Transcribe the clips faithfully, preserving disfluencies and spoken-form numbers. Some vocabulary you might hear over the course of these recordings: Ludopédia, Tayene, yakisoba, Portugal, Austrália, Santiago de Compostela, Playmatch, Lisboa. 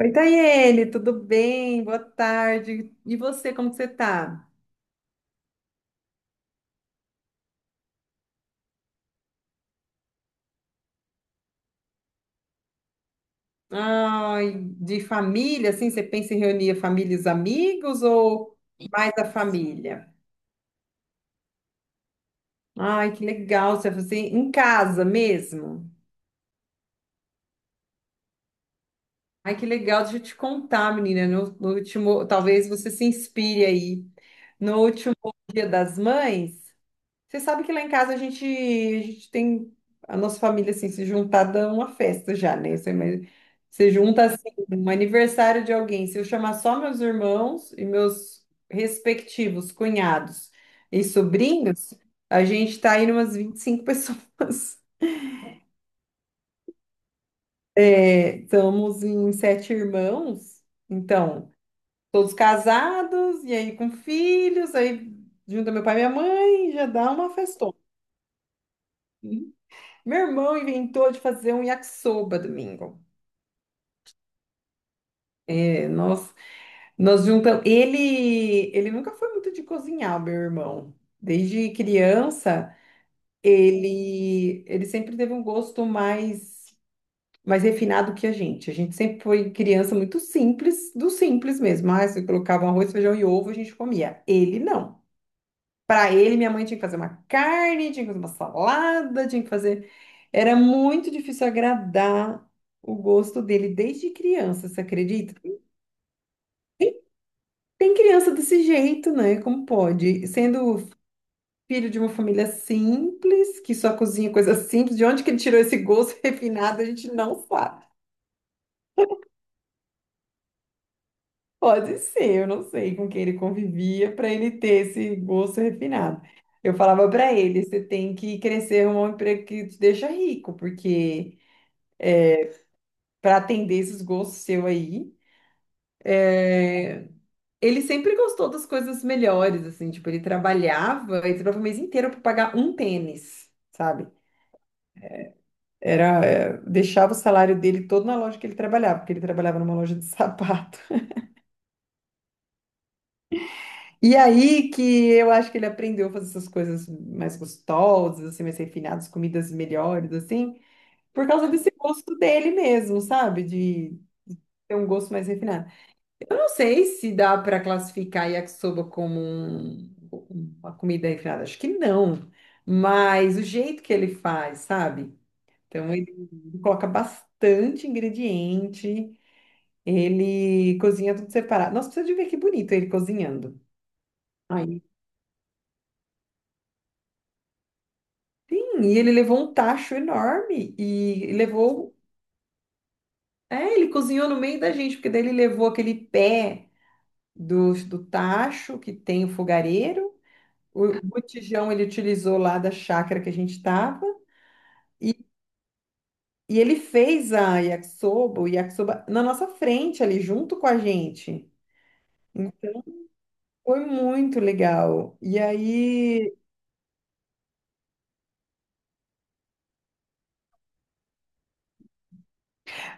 Oi, Tayene, tudo bem? Boa tarde. E você, como que você tá? Ai, de família, assim, você pensa em reunir a família, e os amigos ou mais a família? Ai, que legal, você vai fazer em casa mesmo. Ai, que legal, deixa eu te contar, menina, no, no último, talvez você se inspire aí. No último Dia das Mães, você sabe que lá em casa a gente, a gente tem a nossa família assim se juntar dá uma festa já, né? Você, mas, você junta assim um aniversário de alguém. Se eu chamar só meus irmãos e meus respectivos cunhados e sobrinhos, a gente tá aí umas vinte e cinco pessoas. É, estamos em sete irmãos, então, todos casados, e aí com filhos, aí junta meu pai e minha mãe, já dá uma festona. Meu irmão inventou de fazer um yakisoba domingo. É, nós, nós juntamos. Ele, ele nunca foi muito de cozinhar, o meu irmão. Desde criança, ele, ele sempre teve um gosto mais, mais refinado que a gente. A gente sempre foi criança muito simples, do simples mesmo. Ah, se colocava um arroz, feijão e ovo, a gente comia. Ele não. Para ele, minha mãe tinha que fazer uma carne, tinha que fazer uma salada, tinha que fazer. Era muito difícil agradar o gosto dele desde criança, você acredita? Tem criança desse jeito, né? Como pode? Sendo filho de uma família simples, que só cozinha coisa simples, de onde que ele tirou esse gosto refinado, a gente não sabe. Pode ser, eu não sei com quem ele convivia para ele ter esse gosto refinado. Eu falava para ele, você tem que crescer um emprego que te deixa rico, porque para atender esses gostos seu aí, eh, ele sempre gostou das coisas melhores, assim, tipo, ele trabalhava, ele trabalhava o mês inteiro para pagar um tênis, sabe? Era, é, deixava o salário dele todo na loja que ele trabalhava, porque ele trabalhava numa loja de sapato. E aí que eu acho que ele aprendeu a fazer essas coisas mais gostosas, assim, mais refinadas, comidas melhores, assim, por causa desse gosto dele mesmo, sabe? De ter um gosto mais refinado. Eu não sei se dá para classificar yakisoba como um- uma comida refinada. Acho que não. Mas o jeito que ele faz, sabe? Então, ele coloca bastante ingrediente. Ele cozinha tudo separado. Nossa, precisa de ver que bonito ele cozinhando. Aí, sim. E ele levou um tacho enorme. E levou... É, ele cozinhou no meio da gente. Porque daí ele levou aquele pé do, do tacho que tem o fogareiro. O botijão ele utilizou lá da chácara que a gente estava e ele fez a yakisoba, o yakisoba na nossa frente ali, junto com a gente. Então foi muito legal. E aí,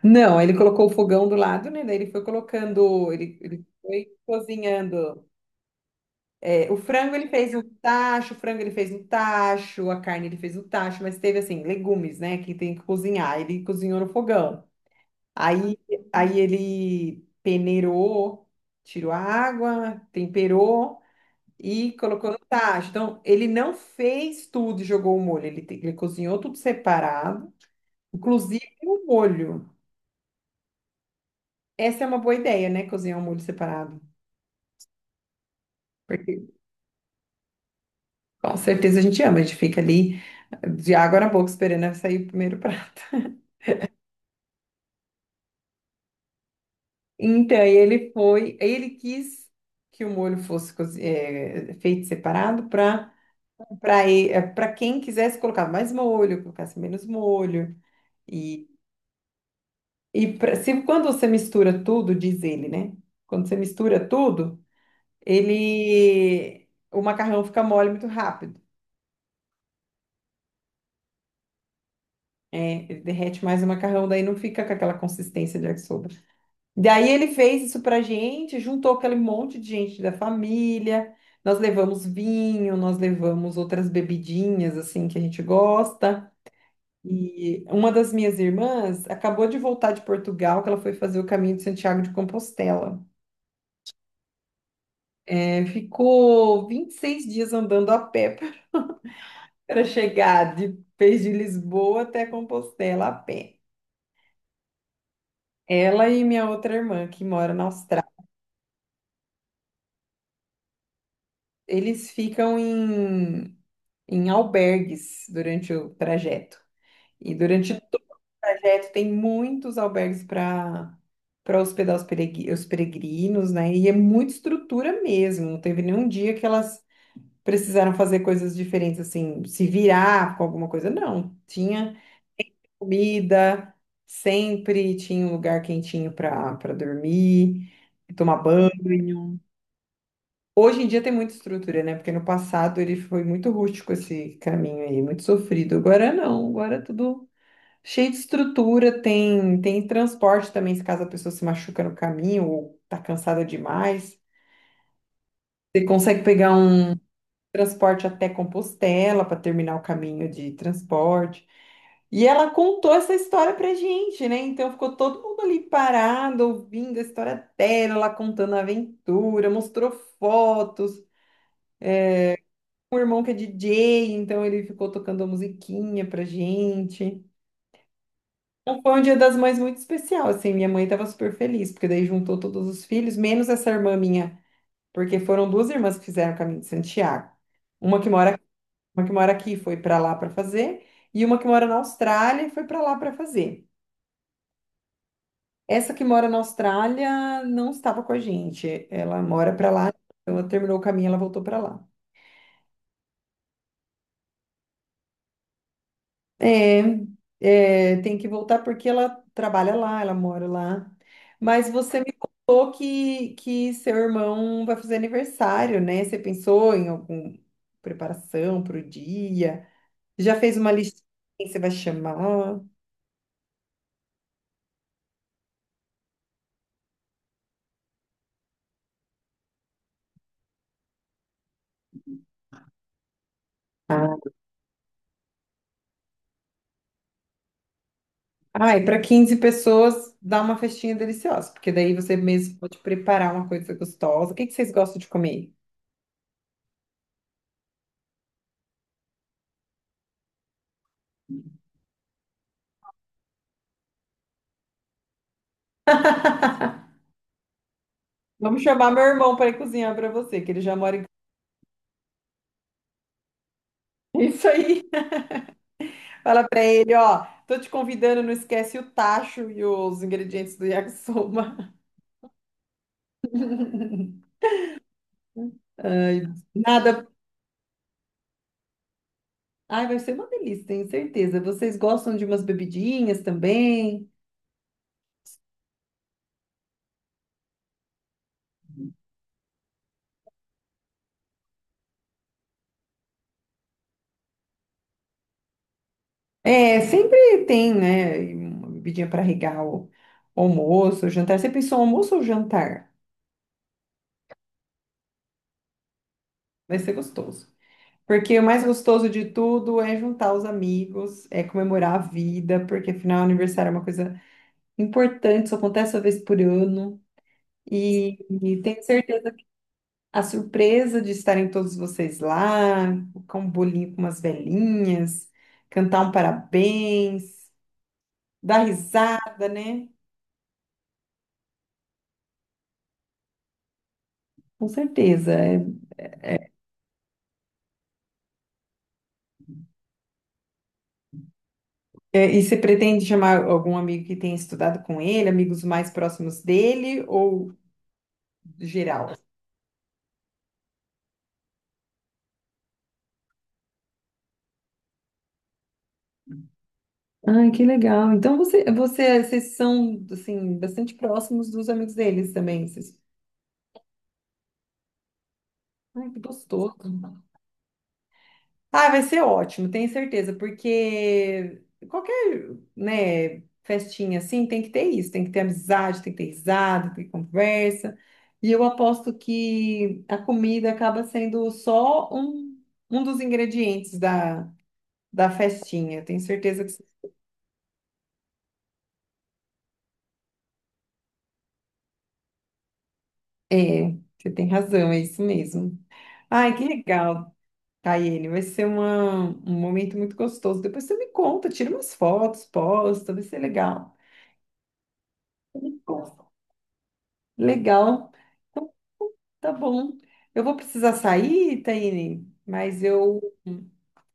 não, aí ele colocou o fogão do lado, né? Daí ele foi colocando, ele, ele foi cozinhando. É, o frango ele fez no tacho, o frango ele fez no tacho, a carne ele fez no tacho, mas teve assim, legumes, né? Que tem que cozinhar. Ele cozinhou no fogão. Aí, aí ele peneirou, tirou a água, temperou e colocou no tacho. Então, ele não fez tudo e jogou o molho. Ele, te- ele cozinhou tudo separado, inclusive o molho. Essa é uma boa ideia, né? Cozinhar um molho separado. Porque com certeza a gente ama, a gente fica ali eh, de água na boca esperando sair o primeiro prato. Então, aí ele foi, aí ele quis que o molho fosse cozi- eh, feito separado para para quem quisesse colocar mais molho, colocasse menos molho. E, e pra- se, quando você mistura tudo, diz ele, né? Quando você mistura tudo, ele o macarrão fica mole muito rápido. É, ele derrete mais o macarrão, daí não fica com aquela consistência de yakisoba. Daí ele fez isso pra gente, juntou aquele monte de gente da família. Nós levamos vinho, nós levamos outras bebidinhas assim que a gente gosta. E uma das minhas irmãs acabou de voltar de Portugal, que ela foi fazer o caminho de Santiago de Compostela. É, ficou vinte e seis dias andando a pé para chegar de, fez de Lisboa até Compostela a pé. Ela e minha outra irmã, que mora na Austrália, eles ficam em, em albergues durante o trajeto. E durante todo o trajeto tem muitos albergues para para hospedar os peregri- os peregrinos, né? E é muita estrutura mesmo. Não teve nenhum dia que elas precisaram fazer coisas diferentes, assim, se virar com alguma coisa. Não, tinha comida, sempre tinha um lugar quentinho para para dormir, tomar banho. Hoje em dia tem muita estrutura, né? Porque no passado ele foi muito rústico esse caminho aí, muito sofrido. Agora não, agora tudo cheio de estrutura, tem, tem transporte também, se caso a pessoa se machuca no caminho ou tá cansada demais. Você consegue pegar um transporte até Compostela para terminar o caminho de transporte. E ela contou essa história pra gente, né? Então ficou todo mundo ali parado, ouvindo a história dela, ela contando a aventura, mostrou fotos. O irmão que é D J, então ele ficou tocando a musiquinha pra gente. Então, foi um Dia das Mães muito especial, assim, minha mãe estava super feliz, porque daí juntou todos os filhos, menos essa irmã minha, porque foram duas irmãs que fizeram o caminho de Santiago. Uma que mora, uma que mora aqui foi para lá para fazer, e uma que mora na Austrália e foi para lá para fazer. Essa que mora na Austrália não estava com a gente, ela mora para lá, então ela terminou o caminho, ela voltou para lá. É, é, tem que voltar porque ela trabalha lá, ela mora lá. Mas você me contou que, que seu irmão vai fazer aniversário, né? Você pensou em alguma preparação para o dia? Já fez uma lista de quem você vai chamar? Ai, para quinze pessoas, dá uma festinha deliciosa, porque daí você mesmo pode preparar uma coisa gostosa. O que que vocês gostam de comer? Vamos chamar meu irmão para ir cozinhar para você, que ele já mora em. Isso aí. Fala pra ele, ó, tô te convidando, não esquece o tacho e os ingredientes do yakisoba. Ai, nada. Ai, vai ser uma delícia, tenho certeza. Vocês gostam de umas bebidinhas também? É, sempre tem, né, uma bebidinha para regar o almoço, o jantar. Você pensou almoço ou jantar? Vai ser gostoso. Porque o mais gostoso de tudo é juntar os amigos, é comemorar a vida, porque afinal aniversário é uma coisa importante, só acontece uma vez por ano. E, e tenho certeza. A surpresa de estarem todos vocês lá, colocar um bolinho com umas velhinhas, cantar um parabéns, dar risada, né? Com certeza. É, é, e você pretende chamar algum amigo que tenha estudado com ele, amigos mais próximos dele ou geral? Ah, que legal. Então você, você, vocês são assim bastante próximos dos amigos deles também. Vocês... Ai, que gostoso. Ah, vai ser ótimo, tenho certeza, porque qualquer, né, festinha assim tem que ter isso, tem que ter amizade, tem que ter risada, tem que ter conversa. E eu aposto que a comida acaba sendo só um, um dos ingredientes da, da festinha. Tenho certeza que você- é, você tem razão, é isso mesmo. Ai, que legal, Tayene, vai ser uma, um momento muito gostoso. Depois você me conta, tira umas fotos, posta, vai ser legal. Legal. Então, tá bom. Eu vou precisar sair, Taine, mas eu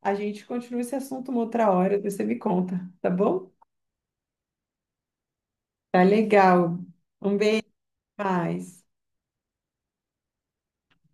a gente continua esse assunto uma outra hora, depois você me conta, tá bom? Tá legal. Mas